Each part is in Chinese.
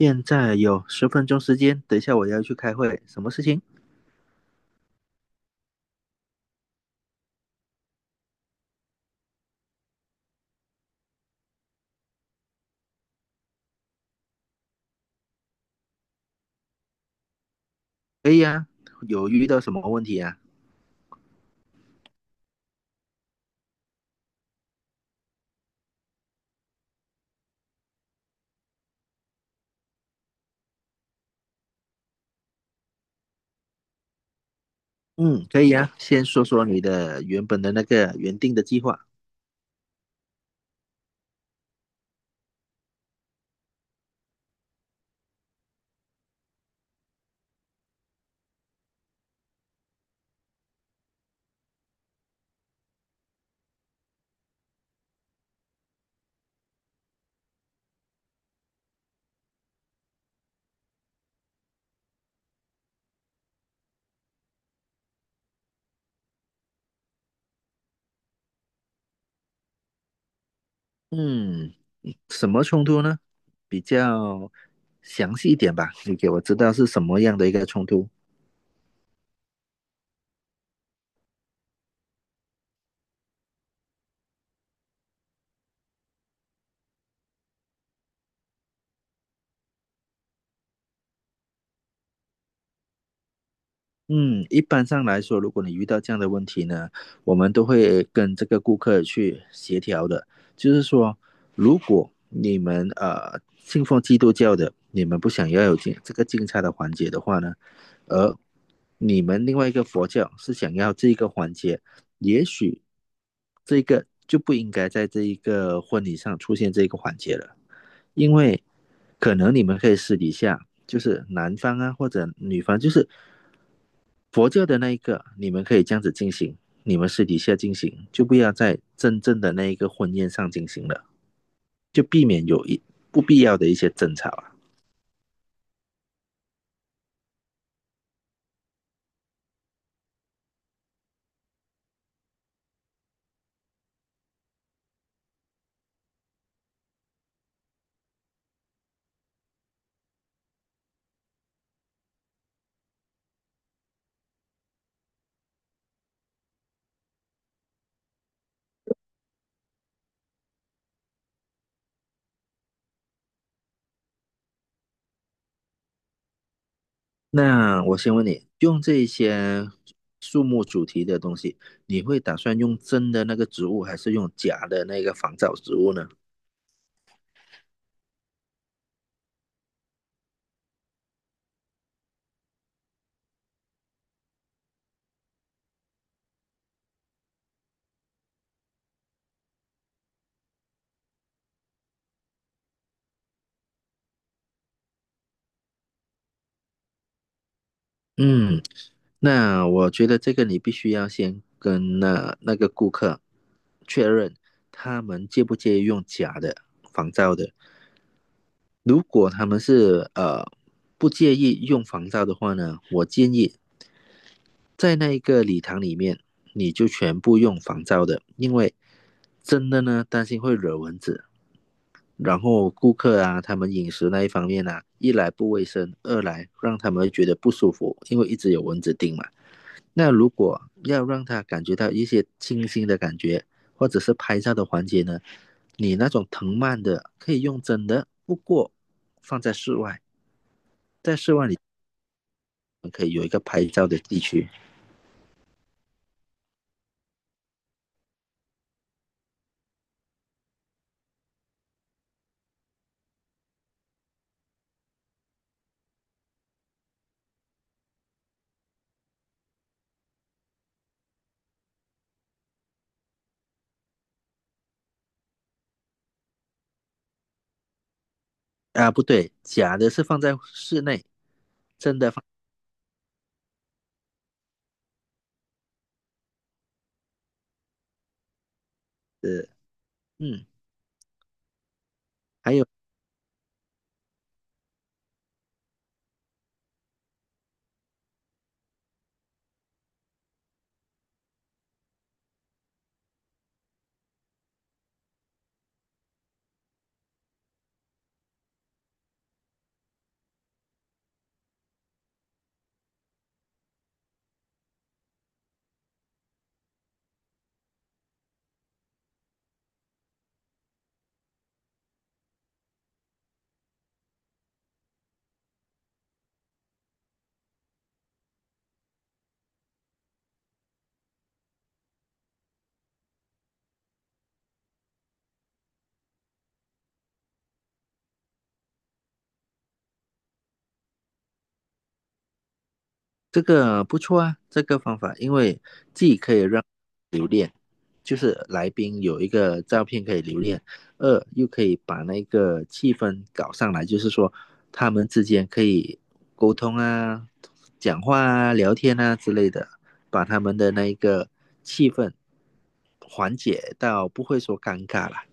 现在有10分钟时间，等一下我要去开会，什么事情？可以啊，有遇到什么问题啊？嗯，可以啊，先说说你的原本的那个原定的计划。嗯，什么冲突呢？比较详细一点吧，你给我知道是什么样的一个冲突。嗯，一般上来说，如果你遇到这样的问题呢，我们都会跟这个顾客去协调的。就是说，如果你们信奉基督教的，你们不想要有敬这个敬茶的环节的话呢，而你们另外一个佛教是想要这个环节，也许这个就不应该在这一个婚礼上出现这个环节了，因为可能你们可以私底下，就是男方啊或者女方，就是佛教的那一个，你们可以这样子进行，你们私底下进行，就不要在真正的那一个婚宴上进行了，就避免有不必要的一些争吵啊。那我先问你，用这些树木主题的东西，你会打算用真的那个植物，还是用假的那个仿造植物呢？嗯，那我觉得这个你必须要先跟那个顾客确认，他们介不介意用假的仿造的。如果他们是不介意用防罩的话呢，我建议在那一个礼堂里面，你就全部用防罩的，因为真的呢担心会惹蚊子，然后顾客啊他们饮食那一方面啊，一来不卫生，二来让他们觉得不舒服，因为一直有蚊子叮嘛。那如果要让他感觉到一些清新的感觉，或者是拍照的环节呢，你那种藤蔓的可以用真的，不过放在室外。在室外里可以有一个拍照的地区啊，不对，假的是放在室内。呃，嗯，还有这个不错啊，这个方法，因为既可以让留恋，就是来宾有一个照片可以留恋，二又可以把那个气氛搞上来，就是说他们之间可以沟通啊、讲话啊、聊天啊之类的，把他们的那个气氛缓解到不会说尴尬了。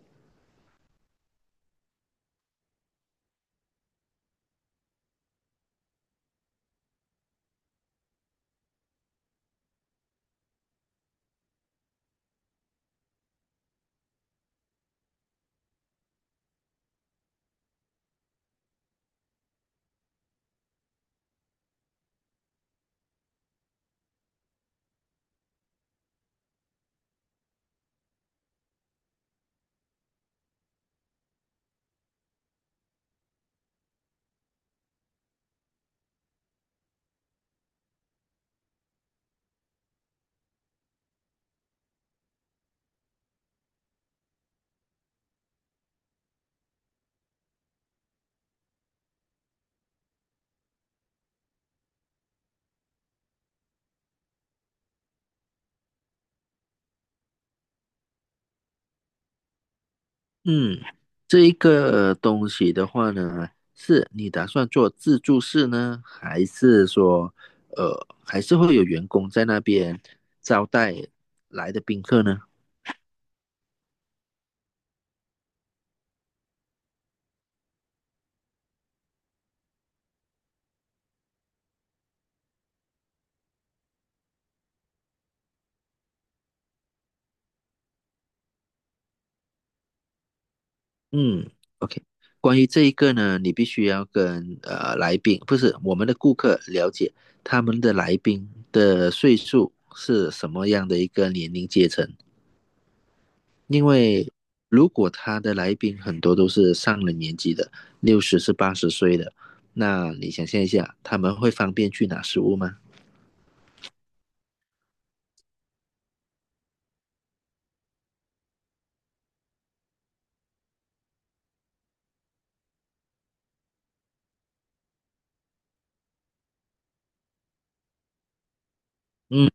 嗯，这一个东西的话呢，是你打算做自助式呢，还是会有员工在那边招待来的宾客呢？嗯，OK。关于这一个呢，你必须要跟来宾，不是我们的顾客了解他们的来宾的岁数是什么样的一个年龄阶层。因为如果他的来宾很多都是上了年纪的，60是80岁的，那你想象一下，他们会方便去拿食物吗？嗯，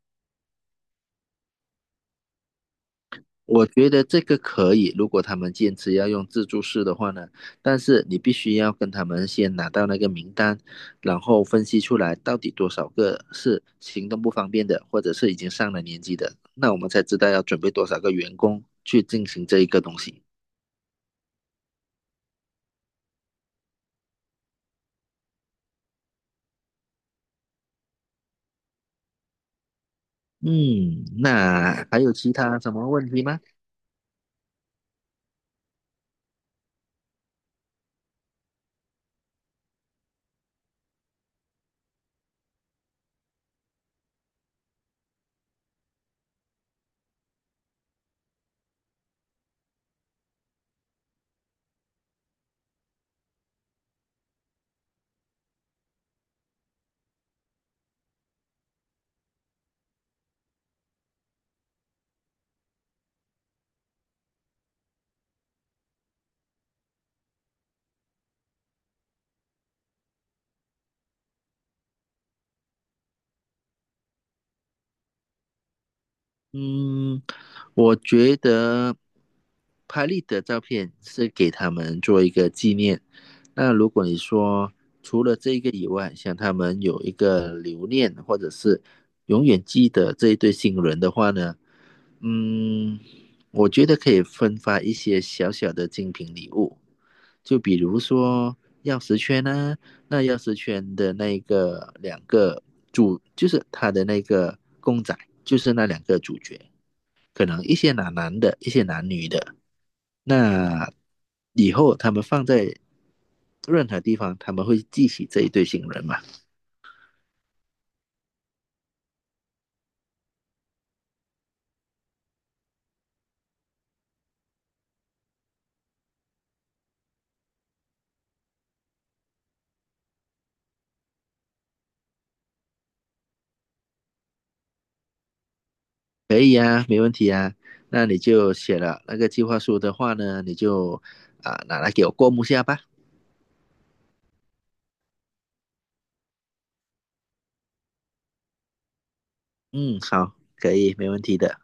我觉得这个可以，如果他们坚持要用自助式的话呢，但是你必须要跟他们先拿到那个名单，然后分析出来到底多少个是行动不方便的，或者是已经上了年纪的，那我们才知道要准备多少个员工去进行这一个东西。嗯，那还有其他什么问题吗？嗯，我觉得拍立得照片是给他们做一个纪念。那如果你说除了这个以外，想他们有一个留念，或者是永远记得这一对新人的话呢，嗯，我觉得可以分发一些小小的精品礼物，就比如说钥匙圈呢、那钥匙圈的那个两个主，就是他的那个公仔，就是那两个主角，可能一些男男的，一些男女的。那以后他们放在任何地方，他们会记起这一对新人嘛？可以啊，没问题啊。那你就写了那个计划书的话呢，你就拿来给我过目下吧。嗯，好，可以，没问题的。